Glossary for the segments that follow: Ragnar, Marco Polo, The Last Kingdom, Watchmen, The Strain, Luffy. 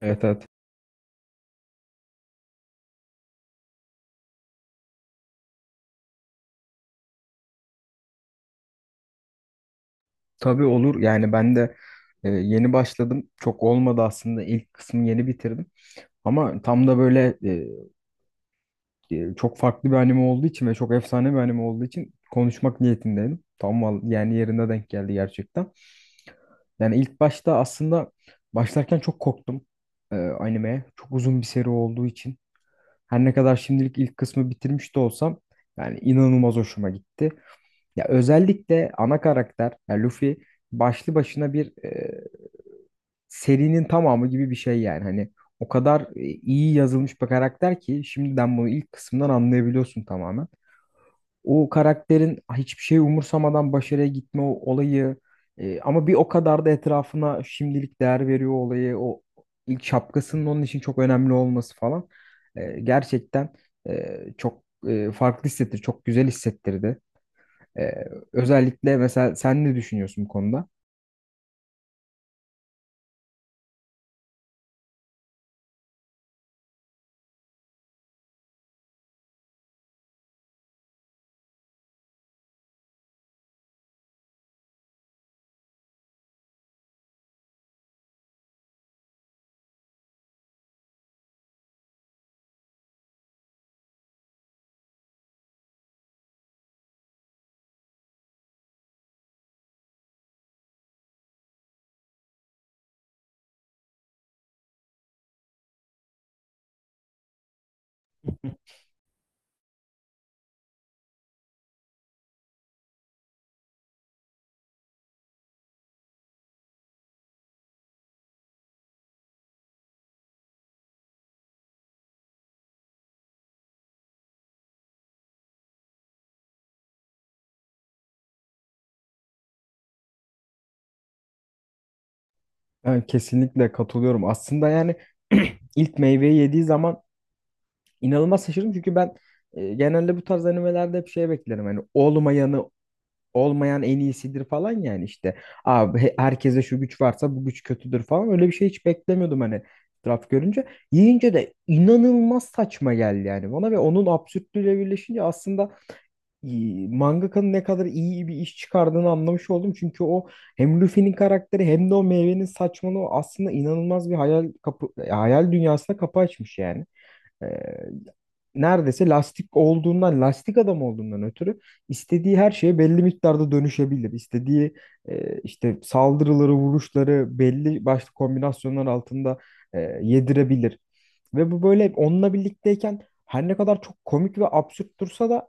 Evet, evet. Tabii, olur. Yani ben de yeni başladım. Çok olmadı aslında. İlk kısmı yeni bitirdim. Ama tam da böyle çok farklı bir anime olduğu için ve çok efsane bir anime olduğu için konuşmak niyetindeydim. Yani yerine denk geldi gerçekten. Yani ilk başta aslında başlarken çok korktum animeye. Çok uzun bir seri olduğu için. Her ne kadar şimdilik ilk kısmı bitirmiş de olsam yani inanılmaz hoşuma gitti. Ya özellikle ana karakter yani Luffy başlı başına bir serinin tamamı gibi bir şey yani. Hani o kadar iyi yazılmış bir karakter ki şimdiden bunu ilk kısımdan anlayabiliyorsun tamamen. O karakterin hiçbir şey umursamadan başarıya gitme o olayı, ama bir o kadar da etrafına şimdilik değer veriyor olayı. O ilk şapkasının onun için çok önemli olması falan. Gerçekten çok çok güzel hissettirdi. Ee, Özellikle mesela sen ne düşünüyorsun bu konuda? Ben kesinlikle katılıyorum. Aslında yani ilk meyveyi yediği zaman inanılmaz şaşırdım. Çünkü ben genelde bu tarz animelerde hep şey beklerim. Hani olmayanı en iyisidir falan yani işte. Abi herkese şu güç varsa bu güç kötüdür falan. Öyle bir şey hiç beklemiyordum hani etraf görünce. Yiyince de inanılmaz saçma geldi yani bana ve onun absürtlüğüyle birleşince aslında mangakanın ne kadar iyi bir iş çıkardığını anlamış oldum. Çünkü o hem Luffy'nin karakteri hem de o meyvenin saçmalığı aslında inanılmaz bir hayal dünyasına kapı açmış yani. Ee, Neredeyse lastik adam olduğundan ötürü istediği her şeye belli miktarda dönüşebilir. İstediği işte saldırıları, vuruşları belli başlı kombinasyonlar altında yedirebilir. Ve bu böyle onunla birlikteyken her ne kadar çok komik ve absürt dursa da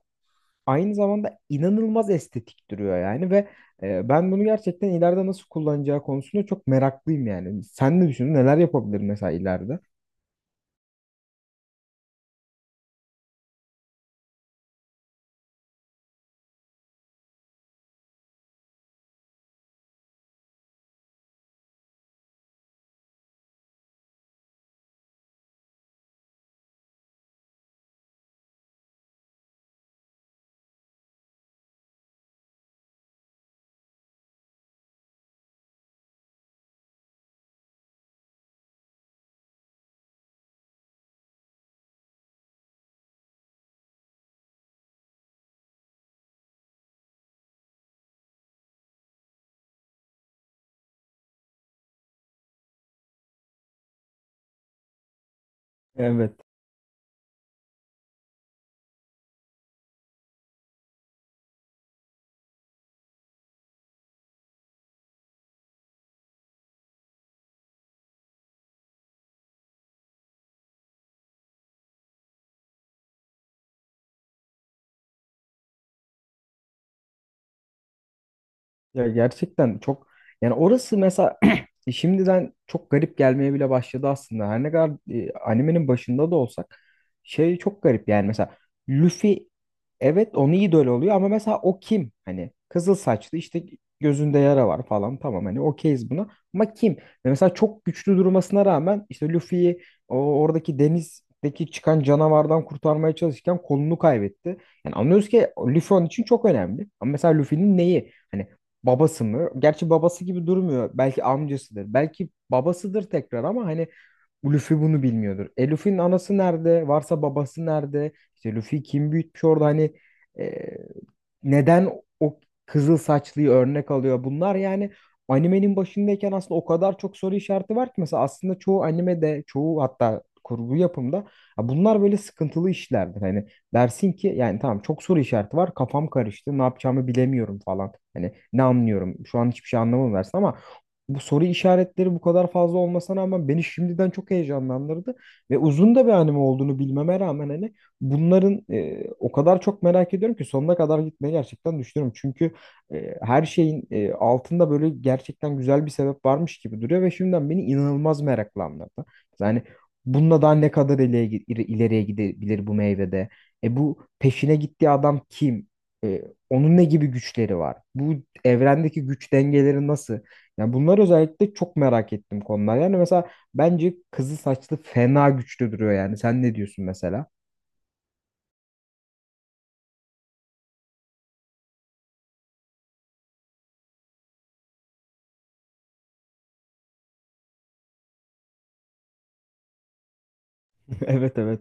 aynı zamanda inanılmaz estetik duruyor yani. Ve ben bunu gerçekten ileride nasıl kullanacağı konusunda çok meraklıyım yani. Sen ne düşünüyorsun? Neler yapabilir mesela ileride? Evet. Ya gerçekten çok, yani orası mesela şimdiden çok garip gelmeye bile başladı aslında. Her ne kadar animenin başında da olsak şey çok garip yani. Mesela Luffy, evet, onu idol oluyor ama mesela o kim? Hani kızıl saçlı, işte gözünde yara var falan, tamam, hani okeyiz buna, ama kim? Ve mesela çok güçlü durmasına rağmen işte Luffy'yi o oradaki denizdeki çıkan canavardan kurtarmaya çalışırken kolunu kaybetti. Yani anlıyoruz ki Luffy onun için çok önemli. Ama mesela Luffy'nin neyi? Hani babası mı? Gerçi babası gibi durmuyor. Belki amcasıdır. Belki babasıdır tekrar ama hani Luffy bunu bilmiyordur. E Luffy'nin anası nerede? Varsa babası nerede? İşte Luffy kim büyütmüş orada, hani e, neden o kızıl saçlıyı örnek alıyor? Bunlar yani animenin başındayken aslında o kadar çok soru işareti var ki. Mesela aslında çoğu animede, çoğu hatta kurgu yapımda ya bunlar böyle sıkıntılı işlerdir. Hani dersin ki yani tamam çok soru işareti var, kafam karıştı, ne yapacağımı bilemiyorum falan. Hani ne anlıyorum şu an, hiçbir şey anlamadım dersin ama bu soru işaretleri bu kadar fazla olmasına rağmen beni şimdiden çok heyecanlandırdı. Ve uzun da bir anime olduğunu bilmeme rağmen hani bunların o kadar çok merak ediyorum ki sonuna kadar gitmeyi gerçekten düşünüyorum. Çünkü her şeyin altında böyle gerçekten güzel bir sebep varmış gibi duruyor ve şimdiden beni inanılmaz meraklandırdı. Yani bununla daha ne kadar ileriye gidebilir bu meyvede? E bu peşine gittiği adam kim? E, Onun ne gibi güçleri var? Bu evrendeki güç dengeleri nasıl? Yani bunlar özellikle çok merak ettim konular. Yani mesela bence kızıl saçlı fena güçlü duruyor yani. Sen ne diyorsun mesela? Evet, evet.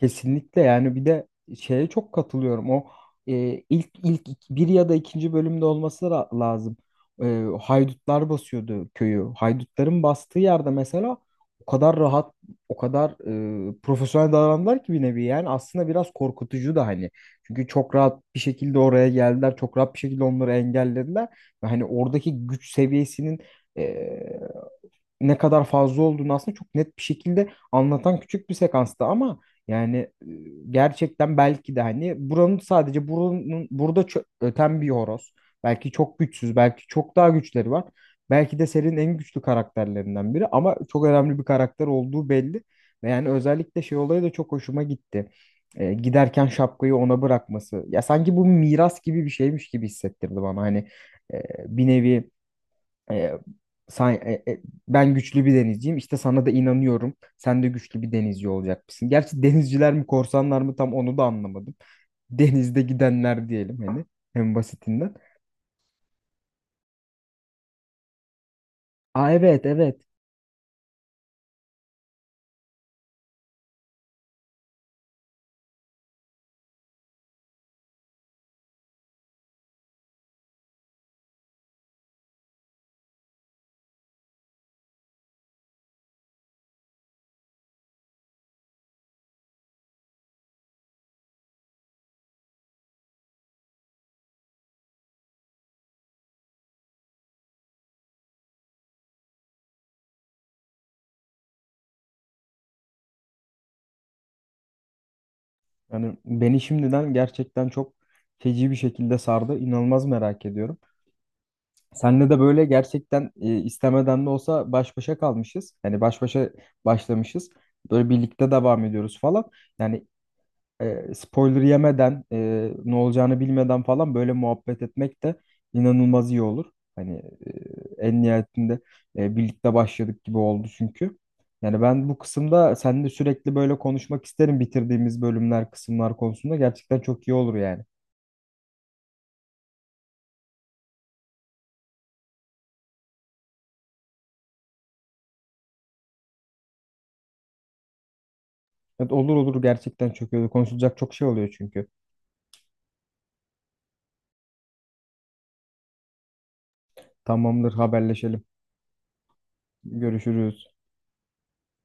Kesinlikle. Yani bir de şeye çok katılıyorum. O e, bir ya da ikinci bölümde olması lazım. Haydutlar basıyordu köyü. Haydutların bastığı yerde mesela o kadar rahat, o kadar profesyonel davrandılar ki bir nevi. Yani aslında biraz korkutucu da hani. Çünkü çok rahat bir şekilde oraya geldiler. Çok rahat bir şekilde onları engellediler. Ve hani oradaki güç seviyesinin e, ne kadar fazla olduğunu aslında çok net bir şekilde anlatan küçük bir sekansta. Ama yani gerçekten belki de hani buranın burada öten bir horoz. Belki çok güçsüz, belki çok daha güçleri var. Belki de serinin en güçlü karakterlerinden biri ama çok önemli bir karakter olduğu belli. Ve yani özellikle şey olayı da çok hoşuma gitti. Giderken şapkayı ona bırakması. Ya sanki bu miras gibi bir şeymiş gibi hissettirdi bana. Hani bir nevi e, sen, e, e, ben güçlü bir denizciyim. İşte sana da inanıyorum. Sen de güçlü bir denizci olacakmışsın. Gerçi denizciler mi korsanlar mı tam onu da anlamadım. Denizde gidenler diyelim hani, en basitinden. Aa, evet, evet. Yani beni şimdiden gerçekten çok feci bir şekilde sardı. İnanılmaz merak ediyorum. Seninle de böyle gerçekten istemeden de olsa baş başa kalmışız. Yani başlamışız. Böyle birlikte devam ediyoruz falan. Yani spoiler yemeden ne olacağını bilmeden falan böyle muhabbet etmek de inanılmaz iyi olur. Hani en nihayetinde birlikte başladık gibi oldu çünkü. Yani ben bu kısımda seninle sürekli böyle konuşmak isterim. Bitirdiğimiz bölümler, kısımlar konusunda gerçekten çok iyi olur yani. Evet, olur, olur, gerçekten çok iyi olur. Konuşulacak çok şey oluyor çünkü. Tamamdır, haberleşelim. Görüşürüz.